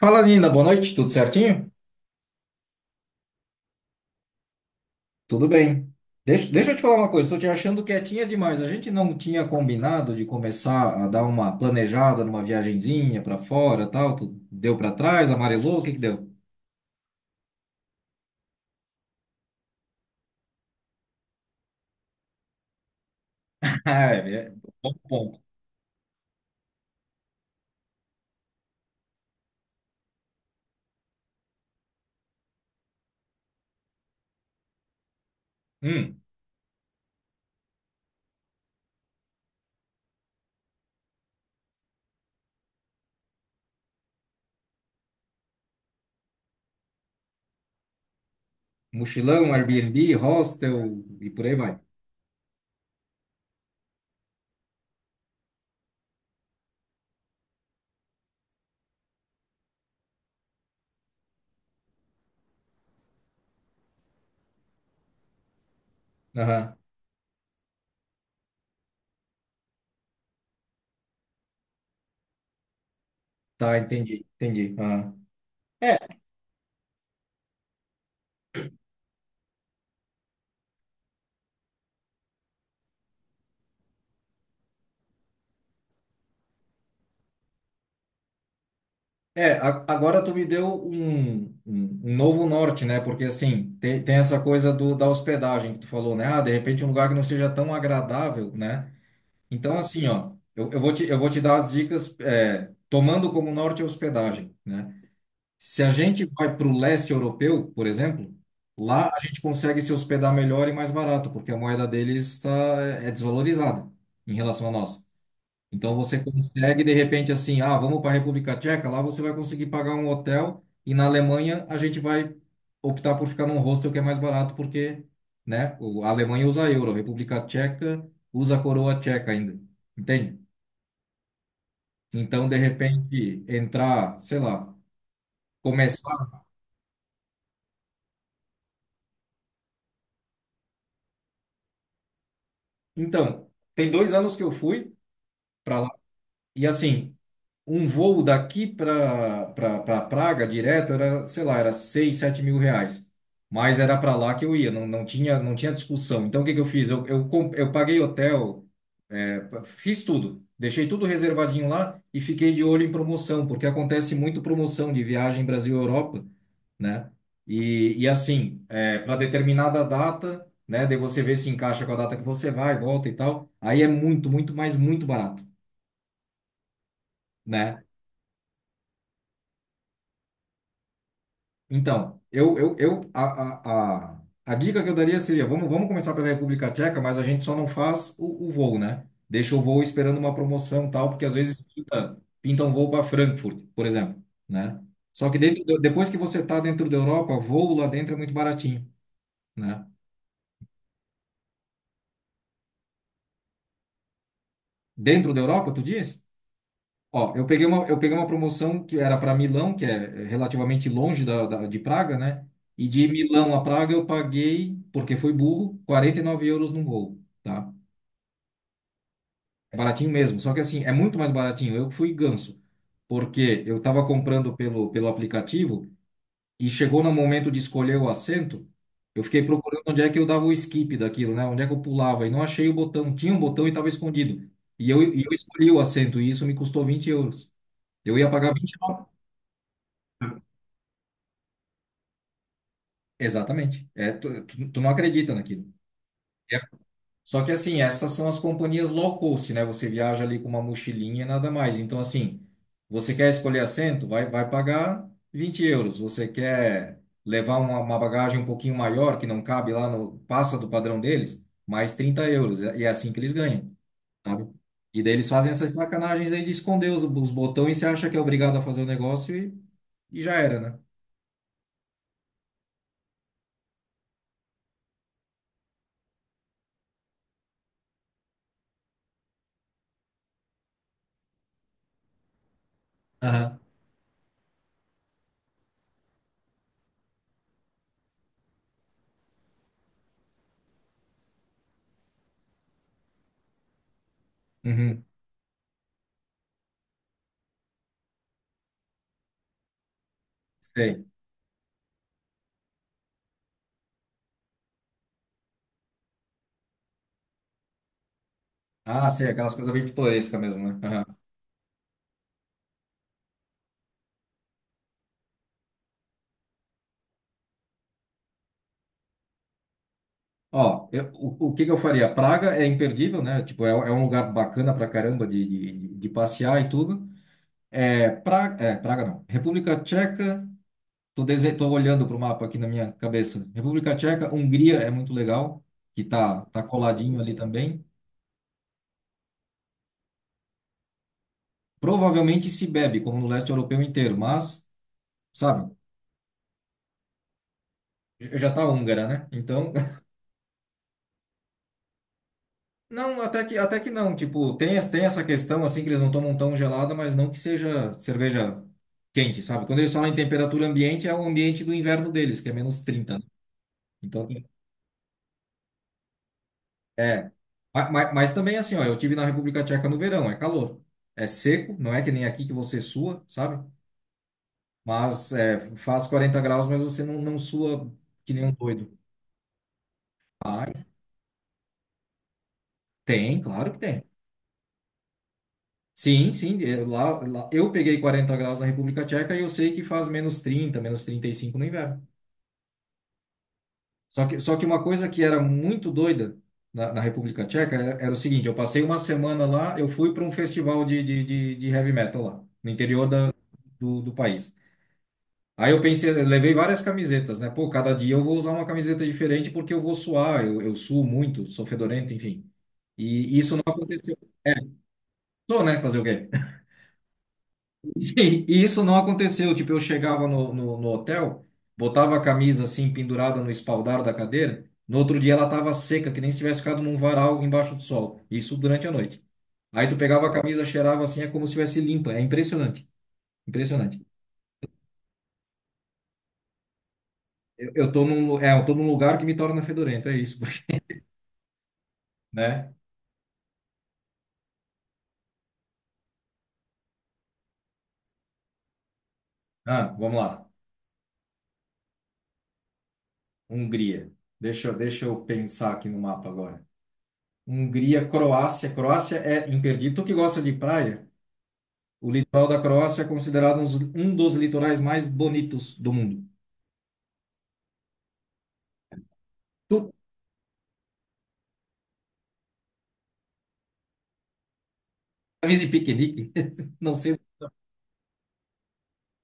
Fala, Nina, boa noite, tudo certinho? Tudo bem. Deixa eu te falar uma coisa, estou te achando quietinha demais. A gente não tinha combinado de começar a dar uma planejada numa viagenzinha para fora, tal. Tu deu para trás, amarelou, o que que deu? Ah, É, é, bom ponto. Hum, mochilão, Airbnb, hostel e por aí vai. Aham. Tá, entendi, entendi. Aham. É, agora tu me deu um novo norte, né? Porque assim, tem essa coisa do, da hospedagem que tu falou, né? Ah, de repente um lugar que não seja tão agradável, né? Então, assim, ó, eu vou te dar as dicas, é, tomando como norte a hospedagem, né? Se a gente vai para o leste europeu, por exemplo, lá a gente consegue se hospedar melhor e mais barato, porque a moeda deles tá, é desvalorizada em relação à nossa. Então você consegue, de repente, assim, ah, vamos para a República Tcheca, lá você vai conseguir pagar um hotel e na Alemanha a gente vai optar por ficar num hostel que é mais barato porque, né, a Alemanha usa euro, a República Tcheca usa a coroa tcheca ainda, entende? Então, de repente, entrar, sei lá, começar. Então, tem 2 anos que eu fui para lá e assim, um voo daqui para pra, pra pra Praga direto era, sei lá, era 6 7 mil reais. Mas era para lá que eu ia, não, não tinha discussão. Então o que que eu fiz? Eu paguei hotel, é, fiz tudo. Deixei tudo reservadinho lá e fiquei de olho em promoção, porque acontece muito promoção de viagem Brasil-Europa, né? E assim, para determinada data, né? Daí você vê se encaixa com a data que você vai, volta e tal. Aí é muito, muito, mas muito barato, né? Então, eu a dica que eu daria seria, vamos começar pela República Tcheca, mas a gente só não faz o voo, né? Deixa o voo esperando uma promoção e tal, porque às vezes pinta um voo para Frankfurt, por exemplo, né? Só que dentro, depois que você está dentro da Europa, voo lá dentro é muito baratinho, né? Dentro da Europa, tu diz? Ó, eu peguei uma promoção que era para Milão, que é relativamente longe de Praga, né? E de Milão a Praga eu paguei, porque fui burro, 49 euros num voo, tá? É baratinho mesmo, só que assim, é muito mais baratinho. Eu que fui ganso, porque eu tava comprando pelo aplicativo e chegou no momento de escolher o assento, eu fiquei procurando onde é que eu dava o skip daquilo, né? Onde é que eu pulava e não achei o botão. Tinha um botão e estava escondido. E eu escolhi o assento e isso me custou 20 euros. Eu ia pagar 20. Exatamente. É, tu não acredita naquilo. É. Só que assim, essas são as companhias low cost, né? Você viaja ali com uma mochilinha e nada mais. Então, assim, você quer escolher assento? Vai pagar 20 euros. Você quer levar uma bagagem um pouquinho maior, que não cabe lá no, passa do padrão deles, mais 30 euros. E é assim que eles ganham, sabe? E daí eles fazem essas sacanagens aí de esconder os botões e você acha que é obrigado a fazer o negócio e já era, né? Aham. Uhum. Sei. Ah, sim, aquelas coisas bem pitorescas mesmo, né? Aham. Ó, o que que eu faria? Praga é imperdível, né? Tipo, é um lugar bacana pra caramba de passear e tudo. É, Praga não. República Tcheca, tô olhando pro mapa aqui na minha cabeça. República Tcheca, Hungria é muito legal, que tá coladinho ali também. Provavelmente se bebe, como no leste europeu inteiro, mas, sabe, eu já tá húngara, né? Então, não, até que não. Tipo, tem essa questão, assim, que eles não tomam tão gelada, mas não que seja cerveja quente, sabe? Quando eles falam em temperatura ambiente, é o ambiente do inverno deles, que é -30, né? Então, é. Mas, também, assim, ó, eu tive na República Tcheca no verão, é calor. É seco, não é que nem aqui que você sua, sabe? Mas é, faz 40 graus, mas você não sua que nem um doido. Ai, tem, claro que tem. Sim, sim, eu peguei 40 graus na República Tcheca e eu sei que faz -30, -35 no inverno. Só que uma coisa que era muito doida na República Tcheca era o seguinte: eu passei uma semana lá, eu fui para um festival de heavy metal lá, no interior da, do país. Aí eu pensei, eu levei várias camisetas, né? Pô, cada dia eu vou usar uma camiseta diferente porque eu vou suar, eu suo muito, sou fedorento, enfim. E isso não aconteceu. Sou, né? Fazer o quê? E isso não aconteceu. Tipo, eu chegava no hotel, botava a camisa assim pendurada no espaldar da cadeira. No outro dia ela estava seca, que nem se tivesse ficado num varal embaixo do sol. Isso durante a noite. Aí tu pegava a camisa, cheirava assim, é como se tivesse limpa. É impressionante. Impressionante. Eu tô num lugar que me torna fedorento, é isso, né? Ah, vamos lá. Hungria. Deixa eu pensar aqui no mapa agora. Hungria, Croácia. Croácia é imperdível. Tu que gosta de praia? O litoral da Croácia é considerado um dos litorais mais bonitos do mundo. Tu camisa e piquenique? Não sei.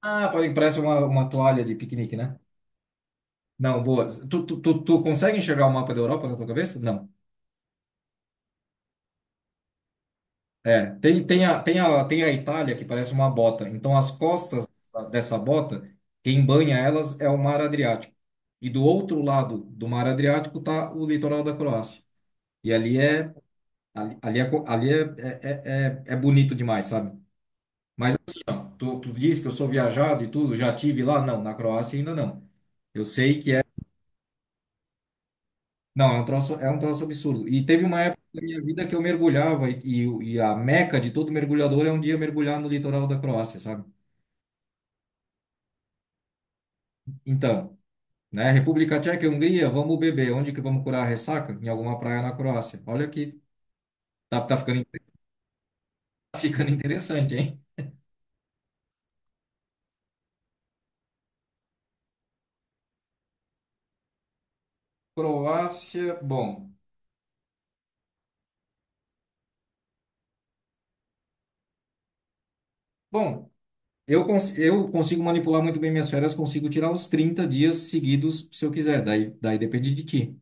Ah, parece uma toalha de piquenique, né? Não, boa. Tu consegue enxergar o mapa da Europa na tua cabeça? Não. É, tem a Itália que parece uma bota. Então, as costas dessa bota, quem banha elas é o Mar Adriático. E do outro lado do Mar Adriático está o litoral da Croácia. E ali é bonito demais, sabe? Mas assim, ó, tu disse que eu sou viajado e tudo, já tive lá? Não, na Croácia ainda não. Eu sei que é. Não, é um troço absurdo. E teve uma época da minha vida que eu mergulhava e a meca de todo mergulhador é um dia mergulhar no litoral da Croácia, sabe? Então, né, República Tcheca e Hungria, vamos beber. Onde que vamos curar a ressaca? Em alguma praia na Croácia. Olha aqui, tá, tá ficando, in- tá ficando interessante, hein? Croácia, bom. Bom, eu consigo manipular muito bem minhas férias, consigo tirar os 30 dias seguidos se eu quiser. Daí depende de ti.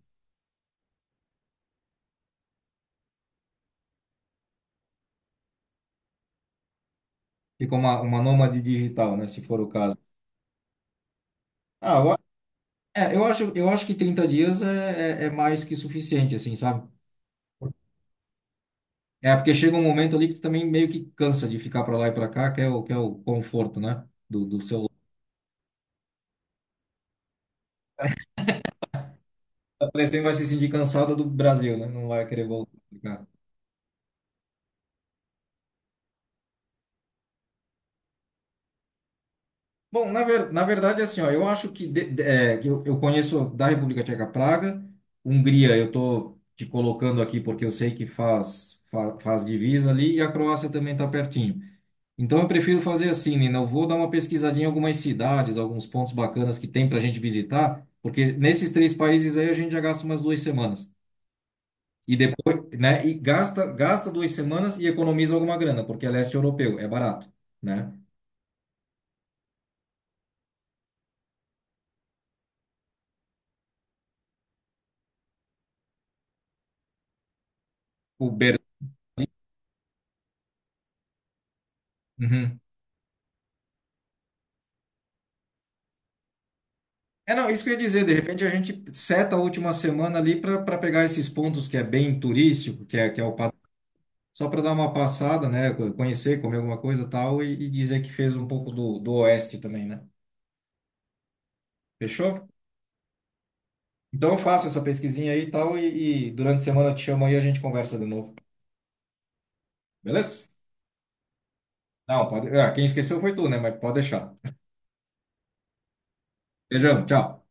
Fica uma nômade digital, né? Se for o caso. Ah, eu, a- é, eu acho que 30 dias é mais que suficiente, assim, sabe? É porque chega um momento ali que tu também meio que cansa de ficar para lá e para cá, que é o conforto, né? Do celular. A pessoa vai se sentir cansada do Brasil, né? Não vai querer voltar pra cá. Bom, na verdade, assim, ó, eu acho que, que eu conheço da República Tcheca Praga, Hungria, eu estou te colocando aqui porque eu sei que faz, divisa ali, e a Croácia também está pertinho. Então, eu prefiro fazer assim, Nina, eu vou dar uma pesquisadinha em algumas cidades, alguns pontos bacanas que tem para a gente visitar, porque nesses três países aí a gente já gasta umas 2 semanas. E depois, né, e gasta 2 semanas e economiza alguma grana, porque é leste europeu, é barato, né? O Berlim. É, não, isso que eu ia dizer, de repente a gente seta a última semana ali para pegar esses pontos que é bem turístico, que é o padrão, só para dar uma passada, né? Conhecer, comer alguma coisa e tal, e dizer que fez um pouco do oeste também, né? Fechou? Então eu faço essa pesquisinha aí e tal, e durante a semana eu te chamo aí e a gente conversa de novo. Beleza? Não, pode. Ah, quem esqueceu foi tu, né? Mas pode deixar. Beijão, tchau.